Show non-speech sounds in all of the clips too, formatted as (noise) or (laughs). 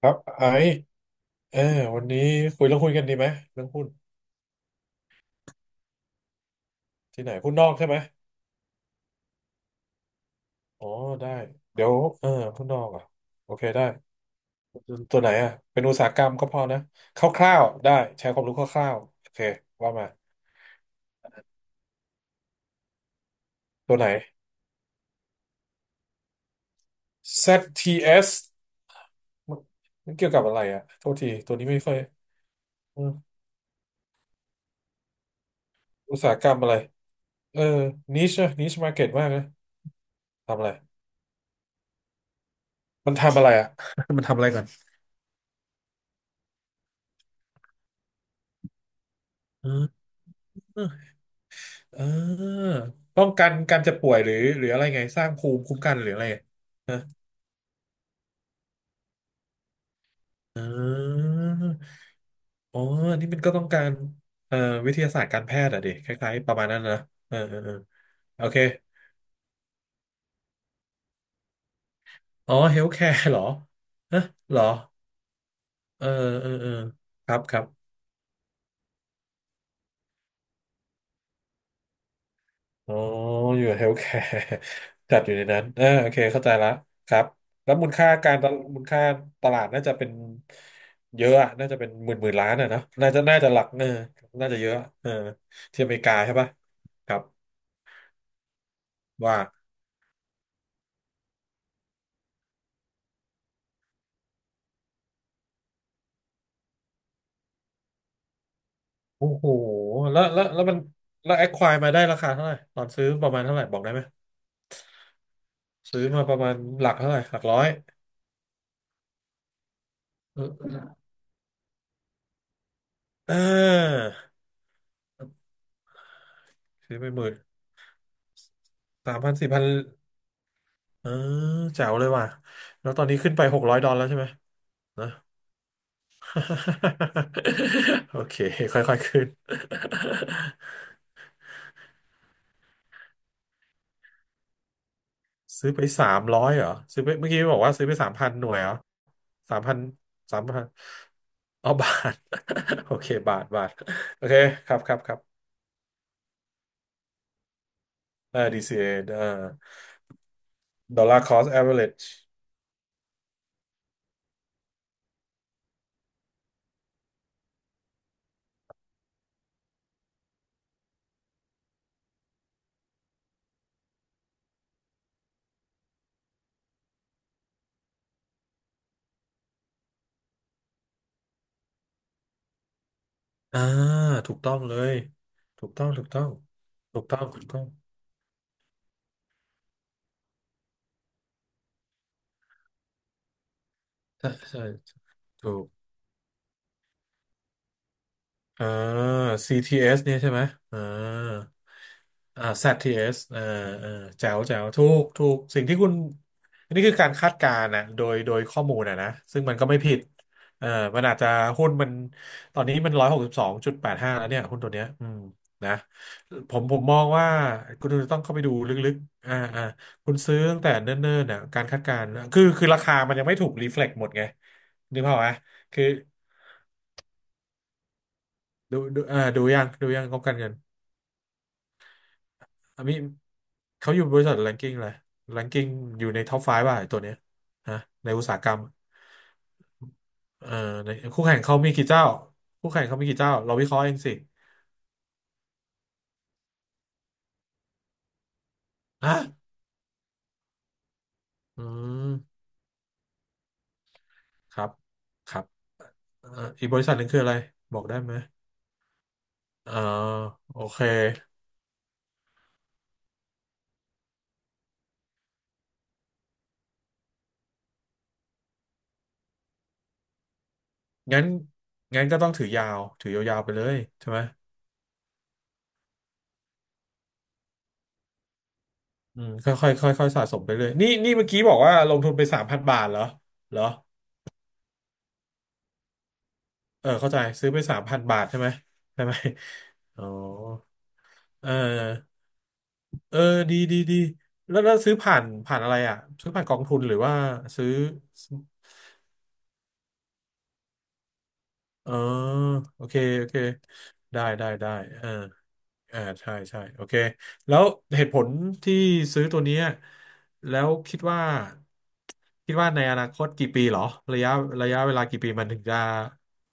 ครับไอซ์เออวันนี้คุยเรื่องหุ้นกันดีไหมเรื่องหุ้นที่ไหนหุ้นนอกใช่ไหมอ๋อได้เดี๋ยวเออหุ้นนอกอ่ะโอเคได้ตัวไหนอ่ะเป็นอุตสาหกรรมก็พอนะคร่าวๆได้แชร์ความรู้คร่าวๆโอเคว่ามาตัวไหน ZTS มันเกี่ยวกับอะไรอ่ะโทษทีตัวนี้ไม่ค่อยอออุตสาหกรรมอะไรเออนิชนิชมาร์เก็ตมากนะทำอะไรมันทำอะไรอ่ะ (laughs) มันทำอะไรก่อนอืม เออป้องกันการจะป่วยหรืออะไรไงสร้างภูมิคุ้มกันหรืออะไรเอออ๋ออันนี่มันก็ต้องการเอ่อวิทยาศาสตร์การแพทย์อะดิคล้ายๆประมาณนั้นนะเออเออเออโอเค อ๋อเฮลท์แคร์เหรอฮะเหรอเออเออเออครับ ครับ อ๋ออยู่เฮลท์แคร์ (laughs) จัดอยู่ในนั้นเอ่าโอเคเข้าใจละครับแล้วมูลค่าการตลมูลค่าตลาดน่าจะเป็นเยอะอะน่าจะเป็นหมื่นหมื่นล้านอะเนอะน่าจะน่าจะหลักน่าจะเยอะเออที่อเมริกาใช่ปะครับว่าโอ้โหแล้วมันแอคควายมาได้ราคาเท่าไหร่ตอนซื้อประมาณเท่าไหร่บอกได้ไหมซื้อมาประมาณหลักเท่าไหร่หลักร้อยเออเออซื้อไปหมื่นสามพันสี่พัน เออแจ๋วเลยว่ะแล้วตอนนี้ขึ้นไปหกร้อยดอลแล้วใช่ไหมนะ (laughs) โอเคค่อยๆขึ้น (laughs) ซื้อไปสามร้อยเหรอซื้อไปเมื่อกี้บอกว่าซื้อไปสามพันหน่วยเหรอสามพันสามพันอ๋อบาท (laughs) โอเคบาทบาทโอเคครับครับครับเออ DCA เอdollar cost average อ่าถูกต้องเลยถูกต้องถูกต้องถูกต้องถูกต้องใช่ใช่ถูก อ่า CTS เอสเนี่ยใช่ไหมอ่าอ่า ZTS อสอ่าอ่าแจ๋วแจ๋วถูกถูกสิ่งที่คุณอันนี้คือการคาดการณ์นะโดยโดยข้อมูลนะนะซึ่งมันก็ไม่ผิดเอ่อมันอาจจะหุ้นมันตอนนี้มันร้อยหกสิบสองจุดแปดห้าแล้วเนี่ยหุ้นตัวเนี้ยอืมนะผมผมมองว่าคุณต้องเข้าไปดูลึกๆอ่าอ่าคุณซื้อตั้งแต่เนิ่นๆน่ะการคาดการณ์คือคือราคามันยังไม่ถูกรีเฟล็กหมดไงนึกภาพไหมคือดูดูอ่าดูยังดูยังงบการเงิน อามิเขาอยู่บริษัทแรงกิ้งเลยแรงกิ้งอยู่ในท็อปไฟว์ป่ะไอ้ตัวเนี้ยฮะในอุตสาหกรรมเอ่อในคู่แข่งเขามีกี่เจ้าคู่แข่งเขามีกี่เจ้าเราวิเคราะห์เองสิฮะอืมครับครับเอ่ออีกบริษัทหนึ่งคืออะไรบอกได้ไหมเอ่อโอเคงั้นงั้นก็ต้องถือยาวถือยาวๆไปเลยใช่ไหมอืมค่อยๆค่อยๆสะสมไปเลยนี่นี่เมื่อกี้บอกว่าลงทุนไปสามพันบาทเหรอเหรอ เออเข้าใจซื้อไปสามพันบาทใช่ไหมใช่ไหมอ๋อเออเออดีดีดีแล้วแล้วซื้อผ่านผ่านอะไรอ่ะซื้อผ่านกองทุนหรือว่าซื้อเออโอเคโอเคได้ได้ได้เออเอาใช่ใช่โอเคแล้วเหตุผลที่ซื้อตัวเนี้ยแล้วคิดว่าคิดว่าในอนาคตกี่ปีเหรอระยะระยะเวลากี่ปีมันถึงจะ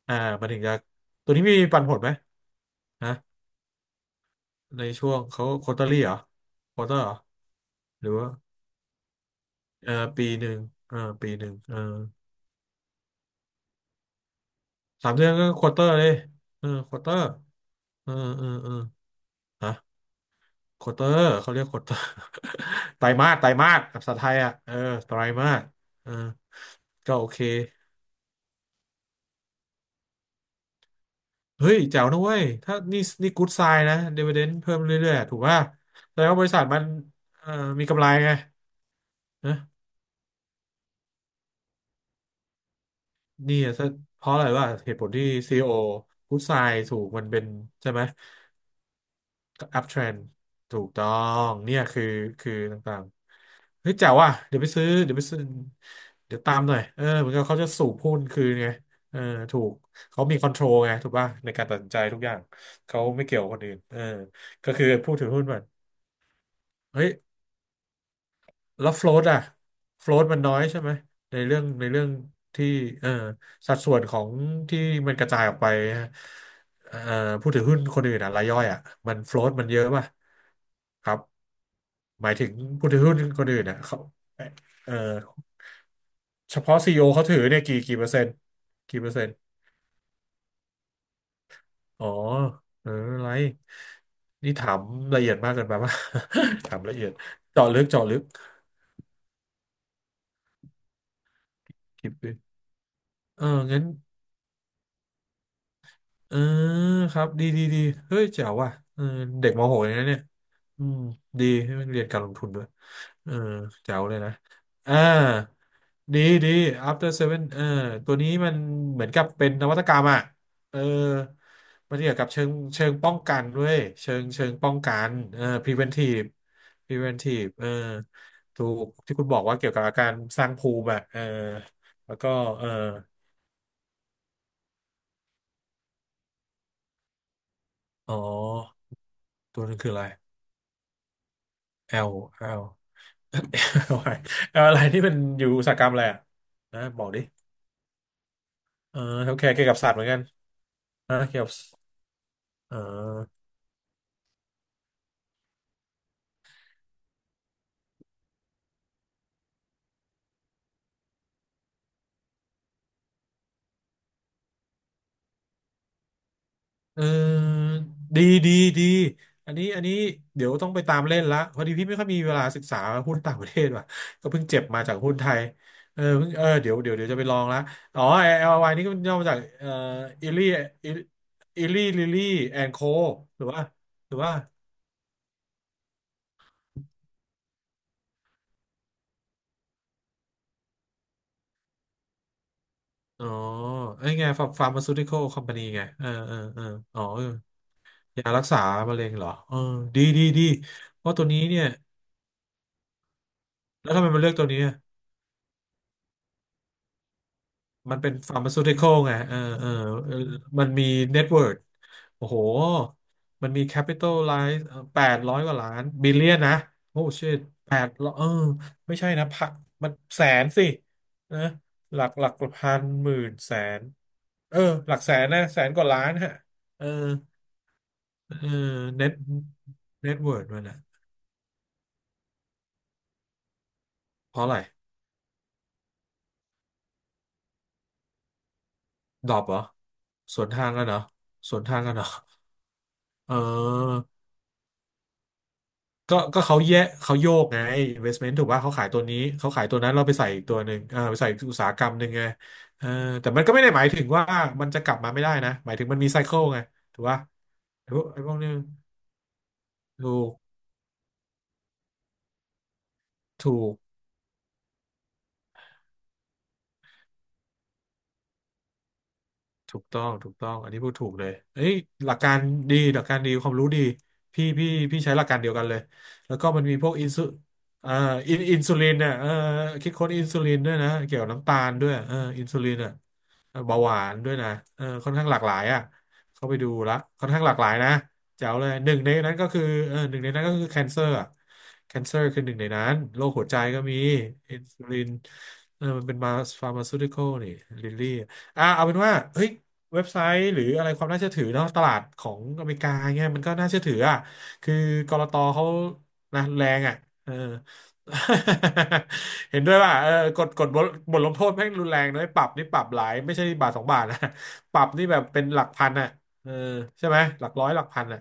อ่ามันถึงจะตัวนี้มีปันผลไหมฮะ ในช่วงเขาควอเตอรี่เหรอควอเตอร์เหรอหรือว่าเออปีหนึ่งเออปีหนึ่งเออสามเดือนก็ควอเตอร์เลยเออควอเตอร์เออเออเออฮะควอเตอร์เขาเรียกควอเตอร์ (laughs) ไตรมาสไตรมาสภาษาไทยอ่ะเออไตรมาสเออก็โอเคเฮ้ยแจ๋วนะเว้ยถ้านี่นี่กู๊ดไซน์นะดิวเดนเพิ่มเรื่อยๆถูกป่ะแสดงว่าบริษัทมันเอ่อมีกำไรไง นี่อะเพราะอะไรว่าเหตุผลที่ซีอีโอพุทไซถูกมันเป็นใช่ไหมอัพเทรนถูกต้องเนี่ยคือคือต่างๆเฮ้ยแจ๋วว่ะเดี๋ยวไปซื้อเดี๋ยวไปซื้อเดี๋ยวตามหน่อยเออเหมือนกับเขาจะสูบหุ้นคืนไงเออถูกเขามีคอนโทรลไงถูกป่ะในการตัดสินใจทุกอย่างเขาไม่เกี่ยวกับคนอื่นเออก็คือผู้ถือหุ้นแบบเฮ้ย แล้วโฟลตอะโฟลตมันน้อยใช่ไหมในเรื่องในเรื่องที่เอ่อสัดส่วนของที่มันกระจายออกไปฮะเอ่อผู้ถือหุ้นคนอื่นอะรายย่อยอะมันโฟล t มันเยอะป่ะครับหมายถึงผู้ถือหุ้นคนอื่นอะเขาเอ่อเฉพาะซีอีโอเขาถือเนี่ยกี่กี่เปอร์เซ็นต์กี่เปอร์เซ็นต์อ๋อเอออะไรนี่ถามละเอียดมากเกินไป (laughs) ป่ะ (laughs) ถามละเอียดเจาะลึกเจาะลึกคิดดเอองั้น เออครับดีดีดีเฮ้ยเจ๋วว่ะเออเด็กมหกเลยนะเนี่ยอืมดีให้มันเรียนการลงทุนด้วยเออเจ๋วเลยนะอ่าดีดี After Seven เออตัวนี้มันเหมือนกับเป็นนวัตกรรมอ่ะเออมันเกี่ยวกับเชิงป้องกันด้วยเชิงป้องกันเออ preventive preventive เออถูกที่คุณบอกว่าเกี่ยวกับอาการสร้างภูมิอ่ะเออแล้วก็เอออ๋อตัวนึงคืออะไร L L (laughs) เอาอะไรเอาอะไรที่มันอยู่อุตสาหกรรมอะไรอ่ะนะบอกดิเออโอเคเกี่ยวกับสัตว์เหมือนกันนะเกี่ยวกับเออเออดีดีดีอันนี้อันนี้เดี๋ยวต้องไปตามเล่นละพอดีพี่ไม่ค่อยมีเวลาศึกษาหุ้นต่างประเทศว่ะก็เพิ่งเจ็บมาจากหุ้นไทยเออเพิ่งเออเดี๋ยวเดี๋ยวเดี๋ยวจะไปลองละอ๋อแอ LLY นี่ก็มันย่อมาจากอิลี่อิลี่ลิลี่แอนโคหรือว่าหรือว่าอ๋อไอ้ไงฟาร์มาซูติคอลคอมพานีไงเออเออเอออ๋อ ยารักษามะเร็งเหรอเออดีดีดีเพราะตัวนี้เนี่ยแล้วทำไมมันเลือกตัวนี้อะมันเป็นฟาร์มาซูติคอลไงเออเออเออมันมีเน็ตเวิร์โอ้โหมันมีแคปิตอลไลซ์แปดร้อยกว่าล้านบิลเลียนนะ โอ้ชิตแปดร้อยเออไม่ใช่นะพักมันแสนสินะหลักหลักพันหมื่นแสนเออหลักแสนนะแสนกว่าล้านฮะเออเออเน็ตเน็ตเวิร์มันอะเพราะอะไร ดรอปเหรอสวนทางกันเหรอสวนทางกันเหรอเออก็ก็เขาแยกเขาโยกไง investment ถูกป่ะเขาขายตัวนี้เขาขายตัวนั้นเราไปใส่อีกตัวหนึ่งอ่าไปใส่อีกอุตสาหกรรมหนึ่งไงเออแต่มันก็ไม่ได้หมายถึงว่ามันจะกลับมาไม่ได้นะหมายถึงมันมีไซเคิลไงถูกป่ะไอ้พวกไอ้พวกนี้ถูกถูก ถูกต้องถูกต้องอันนี้พูดถูกเลยเอ้ยหลักการดีหลักการดีความรู้ดีพี่พี่พี่ใช้หลักการเดียวกันเลยแล้วก็มันมีพวกอินซูอ่าอินซูลินเนี่ยเออคิดค้นอินซูลินด้วยนะเกี่ยวกับน้ำตาลด้วยเอออินซูลินอ่ะเบาหวานด้วยนะเออค่อนข้างหลากหลายอ่ะเข้าไปดูละค่อนข้างหลากหลายนะแจ๋วเลยหนึ่งในนั้นก็คือเออหนึ่งในนั้นก็คือแคนเซอร์อ่ะแคนเซอร์คือหนึ่งในนั้นโรคหัวใจก็มีอินซูลินเออมันเป็นมาฟาร์มาซูติคอลนี่ลิลลี่ อ่าเอาเป็นว่าเฮ้ยเว็บไซต์หรืออะไรความน่าเชื่อถือเนาะตลาดของอเมริกาเงี้ยมันก็น่าเชื่อถืออ่ะคือกลตเขานะแรงอ่ะเออ (laughs) เห็นด้วยว่าเออกฎบทลงโทษแม่งรุนแรงนะปรับนี่ปรับหลายไม่ใช่บาทสองบาทนะ (laughs) ปรับนี่แบบเป็นหลักพันอ่ะเออใช่ไหมหลักร้อยหลักพันอ่ะ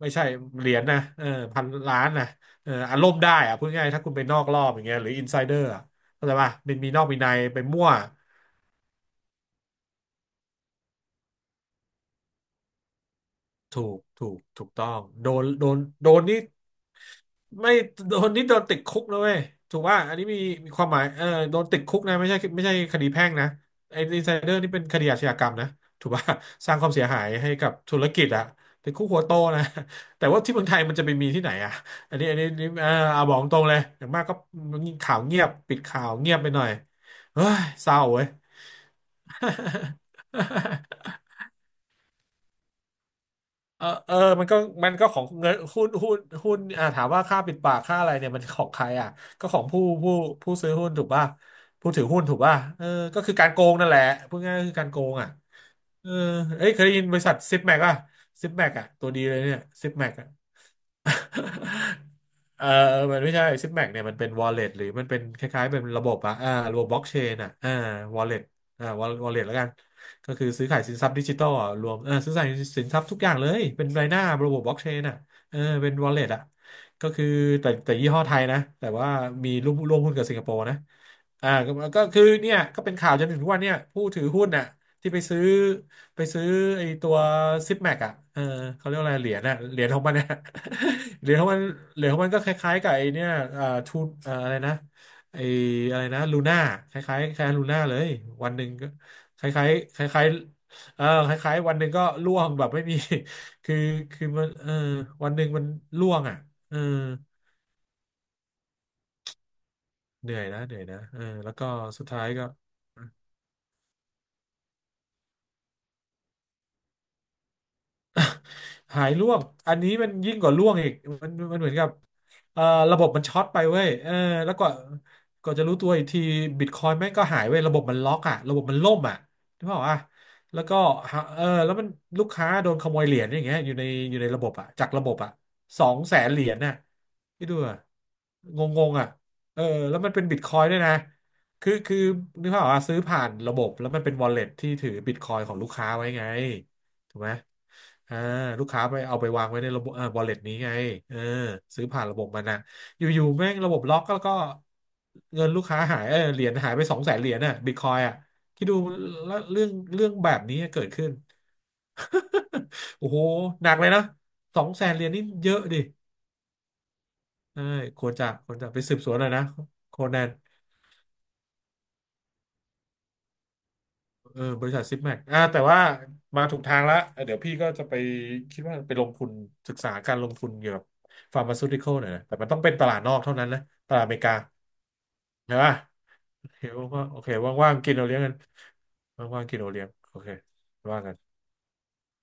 ไม่ใช่เหรียญนะเออพันล้านนะเอออารมณ์ได้อ่ะพูดง่ายๆถ้าคุณไปนอกรอบอย่างเงี้ยหรืออินไซเดอร์อ่ะเข้าใจป่ะมันมีนอกมีในไปมั่ว ถูกถูกถูกต้อง โดนโดนโดนนี่ไม่โดนนี่โดนติดคุกนะเว้ยถูกว่าอันนี้มีมีความหมายเออโดนติดคุกนะไม่ใช่ไม่ใช่คดีแพ่งนะไอ้อินไซเดอร์นี่เป็นคดีอาชญากรรมนะถูกป่ะ (laughs) สร้างความเสียหายให้กับธุรกิจอะติดคุกหัวโตนะแต่ว่าที่เมืองไทยมันจะไปมีที่ไหนอะอันนี้อันนี้นี่เออเอาบอกตรงเลย อย่างมากก็ข่าวเงียบปิดข่าวเงียบไปหน่อยเฮ้ยเศร้าเว้ย เออเออมันก็มันก็ของเงินหุ้นหุ้นหุ้นอ่าถามว่าค่าปิดปากค่าอะไรเนี่ยมันของใครอ่ะก็ของผู้ผู้ซื้อหุ้นถูกป่ะผู้ถือหุ้นถูกป่ะเออก็คือการโกงนั่นแหละพูดง่ายๆก็คือการโกงอ่ะเออเอ้ยเคยได้ยินบริษัทซิปแม็กอ่ะซิปแม็กอ่ะตัวดีเลยเนี่ยซิปแม็ก เออมันไม่ใช่ซิปแม็กเนี่ยมันเป็นวอลเล็ตหรือมันเป็นคล้ายๆเป็นระบบอะอ่าระบบบล็อกเชนอะอ่าวอลเล็ตอ่าวอลเล็ตแล้วกันก็คือซื้อขายสินทรัพย์ดิจิทัลอะรวมเออซื้อขายสินทรัพย์ทุกอย่างเลยเป็นรายหน้าระบบบล็อกเชนอะเออเป็นวอลเล็ตอะก็คือแต่แต่ยี่ห้อไทยนะแต่ว่ามีร่วมหุ้นกับสิงคโปร์นะ อ่าก็ก็คือเนี่ยก็เป็นข่าวจนถึงทุกวันเนี่ยผู้ถือหุ้นน่ะที่ไปซื้อไอ้ตัวซิปแม็กอ่ะเออเขาเรียกว่าอะไรเหรียญน่ะเหรียญของมันน่ะ (laughs) เหรียญของมันเหรียญของมันก็คล้ายๆกับไอ้เนี่ยอ่าทูอ่าอะไรนะไอ้อะไรนะลูน่าคล้ายๆคล้ายลูน่าเลยวันหนึ่งก็คล้ายๆคล้ายๆเออคล้ายๆวันหนึ่งก็ร่วงแบบไม่มี (laughs) คือคือมันเออวันหนึ่งมันร่วงอ่ะเออเหนื่อยนะเออแล้วก็สุดท้ายก็ หายร่วงอันนี้มันยิ่งกว่าร่วงอีกมันเหมือนกับเอ่อระบบมันช็อตไปเว้ยเออแล้วก็ก็จะรู้ตัวอีกทีบิตคอยน์แม่งก็หายเว้ยระบบมันล็อกอ่ะระบบมันล่มอ่ะถูกเปล่าอ่ะแล้วก็หาเออแล้วมันลูกค้าโดนขโมยเหรียญอย่างเงี้ยอยู่ในระบบอ่ะจากระบบอ่ะสองแสนเหรียญน่ะที่ดูอะงงงๆอ่ะเออแล้วมันเป็นบิตคอยน์ด้วยนะคือนึกภาพออกอ่ะซื้อผ่านระบบแล้วมันเป็นวอลเล็ตที่ถือบิตคอยน์ของลูกค้าไว้ไงถูกไหม อ่าลูกค้าไปเอาไปวางไว้ในระบบอ่า wallet นี้ไงเออซื้อผ่านระบบมันนะอยู่ๆแม่งระบบล็อกแล้วก็เงินลูกค้าหายเออเหรียญหายไปสองแสนเหรียญน่ะบิตคอยอ่ะคิดดูแล้วเรื่องแบบนี้เกิดขึ้น (laughs) โอ้โหหนักเลยนะสองแสนเหรียญนี่เยอะดิเออควรจะไปสืบสวนหน่อยนะโคนัน เออบริษัทซิปแม็กอ่าแต่ว่ามาถูกทางแล้วเดี๋ยวพี่ก็จะไปคิดว่าไปลงทุนศึกษาการลงทุนเกี่ยวกับฟาร์มาซูติคอลหน่อยนะแต่มันต้องเป็นตลาดนอกเท่านั้นนะตลาดอเมริกาใช่ป่ะโอเห็นว่าโอเคว่างๆกินเอาเลี้ยงกันว่างๆกินเอาเลี้ยงโอเคว่ากัน